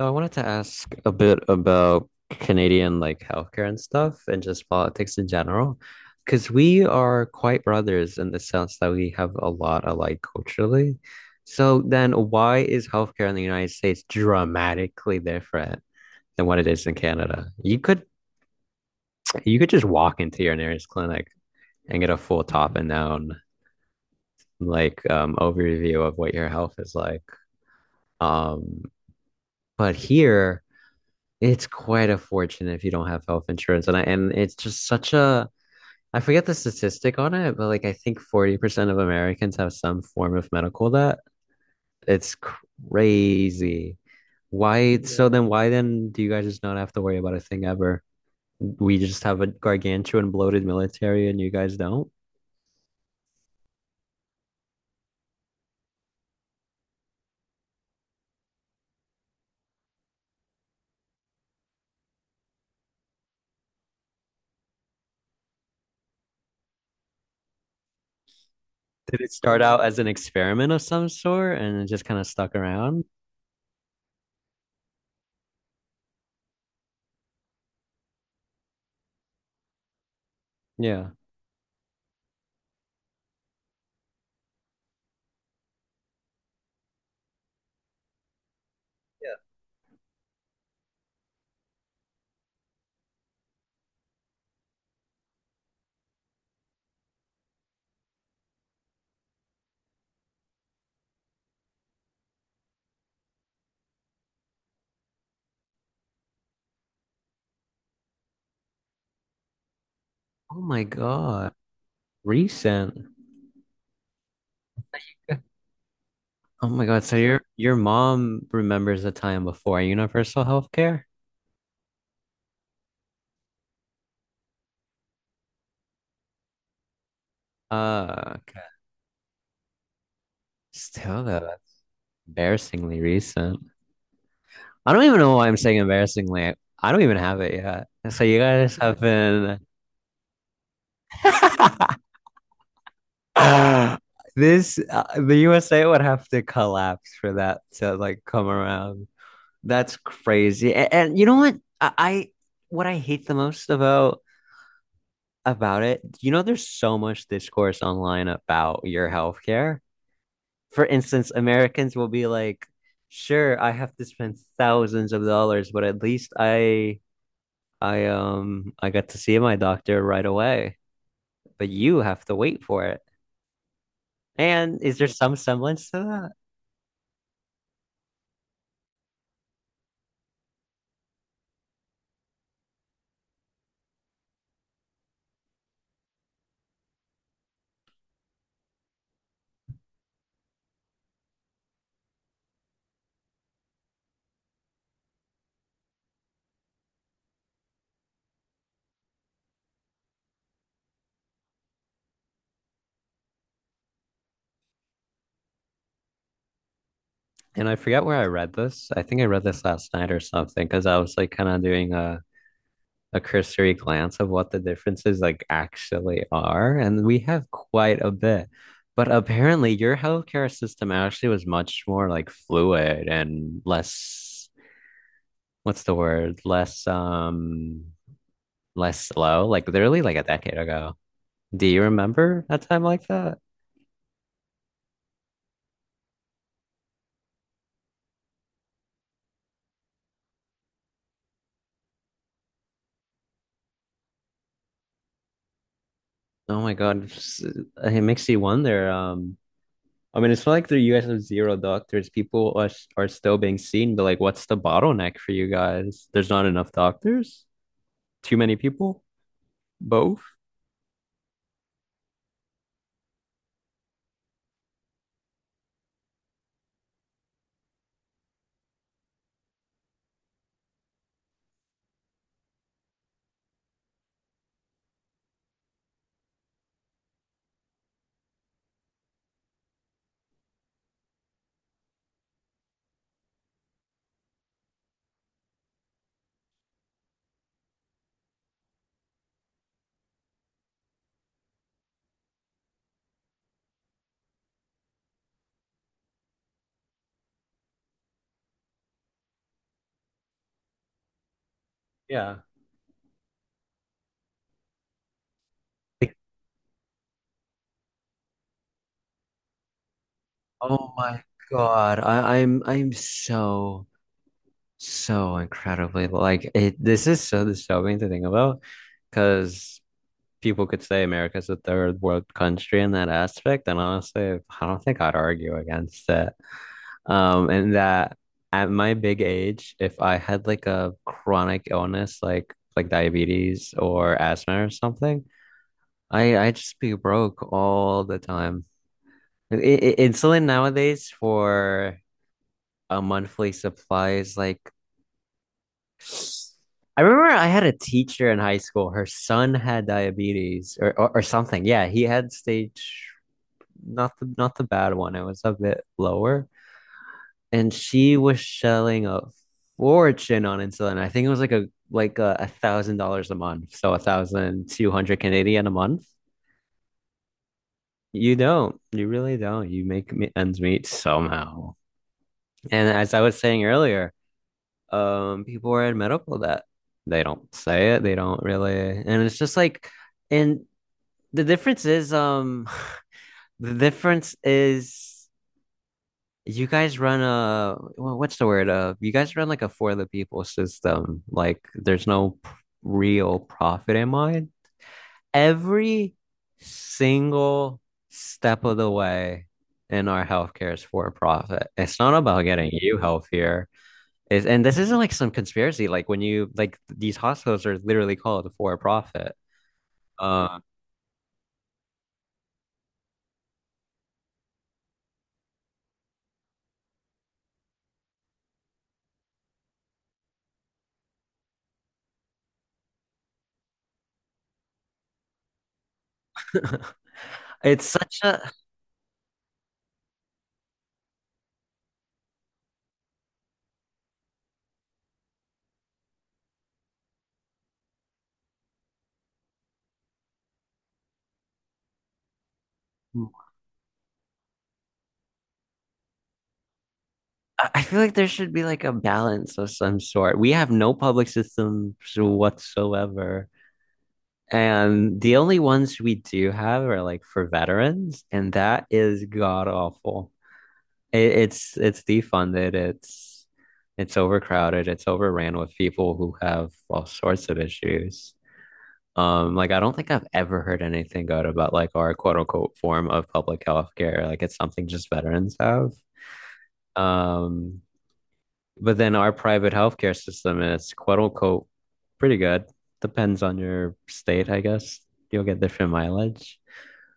So I wanted to ask a bit about Canadian healthcare and stuff and just politics in general, because we are quite brothers in the sense that we have a lot alike culturally. So then why is healthcare in the United States dramatically different than what it is in Canada? You could just walk into your nearest clinic and get a full top and down like overview of what your health is like. Um, but here, it's quite a fortune if you don't have health insurance. And it's just such a, I forget the statistic on it, but like I think 40% of Americans have some form of medical debt. It's crazy. Why, so Yeah. then why then do you guys just not have to worry about a thing ever? We just have a gargantuan bloated military and you guys don't? Did it start out as an experiment of some sort and it just kind of stuck around? Yeah. Oh my God. Recent. Oh my God. So your mom remembers the time before universal healthcare? Okay. Still though, that's embarrassingly recent. I don't even know why I'm saying embarrassingly. I don't even have it yet. So you guys have been this the USA would have to collapse for that to like come around. That's crazy. And you know what? I, what I hate the most about it, you know, there's so much discourse online about your healthcare. For instance, Americans will be like, "Sure, I have to spend thousands of dollars, but at least I got to see my doctor right away. But you have to wait for it." And is there some semblance to that? And I forget where I read this. I think I read this last night or something because I was like kind of doing a cursory glance of what the differences like actually are, and we have quite a bit. But apparently, your healthcare system actually was much more like fluid and less, what's the word? Less less slow, like literally like a decade ago. Do you remember a time like that? Oh my God, it makes you wonder. I mean, it's not like the US have zero doctors. People are still being seen, but like, what's the bottleneck for you guys? There's not enough doctors? Too many people? Both? Yeah. Like, oh my God, I'm so so incredibly like it. This is so disturbing to think about because people could say America's a third world country in that aspect, and honestly, I don't think I'd argue against that. And that at my big age, if I had like a chronic illness like diabetes or asthma or something, I just be broke all the time. Insulin nowadays for a monthly supply is like, I remember I had a teacher in high school. Her son had diabetes or something. Yeah, he had stage, not the bad one. It was a bit lower. And she was selling a fortune on insulin. I think it was like a thousand dollars a month, so 1,200 Canadian a month. You don't, you really don't. You make ends meet somehow. And as I was saying earlier, people are in medical debt. They don't say it. They don't really, and it's just like, and the difference is, the difference is, you guys run a what's the word? You guys run like a for the people system. Like there's no real profit in mind. Every single step of the way in our healthcare is for profit. It's not about getting you healthier. It's, and this isn't like some conspiracy. Like when you like these hospitals are literally called for profit. Uh, it's such a, I feel like there should be like a balance of some sort. We have no public systems whatsoever. And the only ones we do have are like for veterans, and that is god awful. It's defunded, it's overcrowded, it's overran with people who have all sorts of issues. Like I don't think I've ever heard anything good about like our quote unquote form of public health care. Like it's something just veterans have. Um, but then our private healthcare system is quote unquote pretty good. Depends on your state, I guess. You'll get different mileage.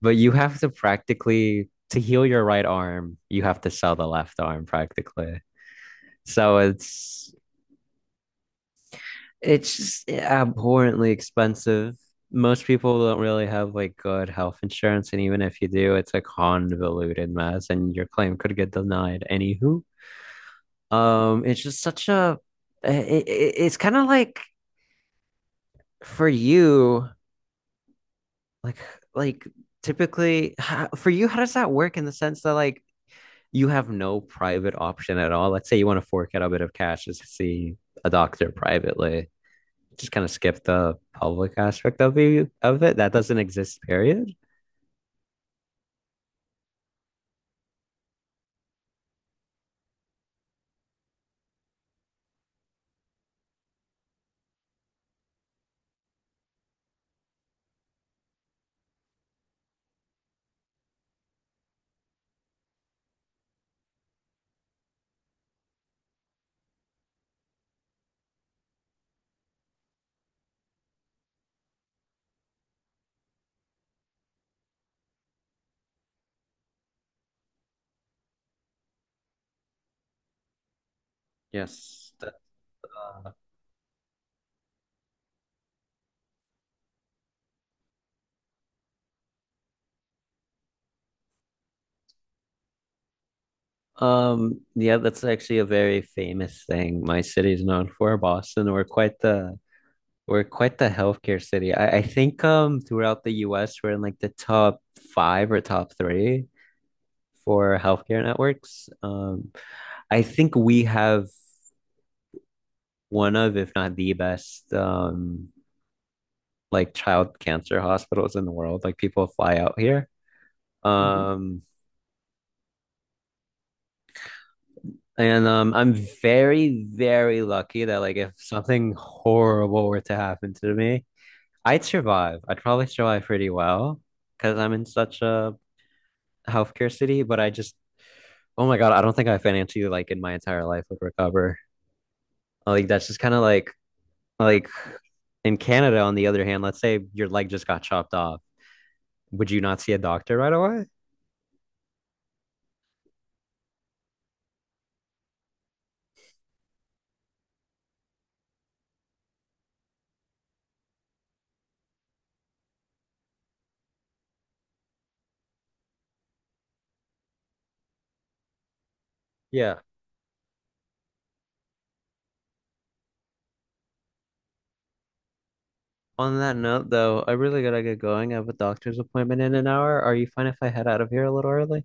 But you have to practically, to heal your right arm, you have to sell the left arm practically. So it's it's just abhorrently expensive. Most people don't really have like good health insurance, and even if you do, it's a convoluted mess, and your claim could get denied. Anywho, it's just such a, it's kind of like, for you, like like typically how, for you, how does that work in the sense that like you have no private option at all? Let's say you want to fork out a bit of cash just to see a doctor privately. Just kind of skip the public aspect of you of it. That doesn't exist, period. Yes. Yeah, that's actually a very famous thing my city is known for, Boston. We're quite the, we're quite the healthcare city. I think throughout the US we're in like the top five or top three for healthcare networks. I think we have one of, if not the best, like child cancer hospitals in the world. Like people fly out here. Mhm. And I'm very, very lucky that like if something horrible were to happen to me, I'd survive. I'd probably survive pretty well because I'm in such a healthcare city, but I just, oh my God, I don't think I financially, like, in my entire life would recover. Like, that's just kind of like in Canada, on the other hand, let's say your leg just got chopped off. Would you not see a doctor right away? Yeah. On that note, though, I really gotta get going. I have a doctor's appointment in an hour. Are you fine if I head out of here a little early?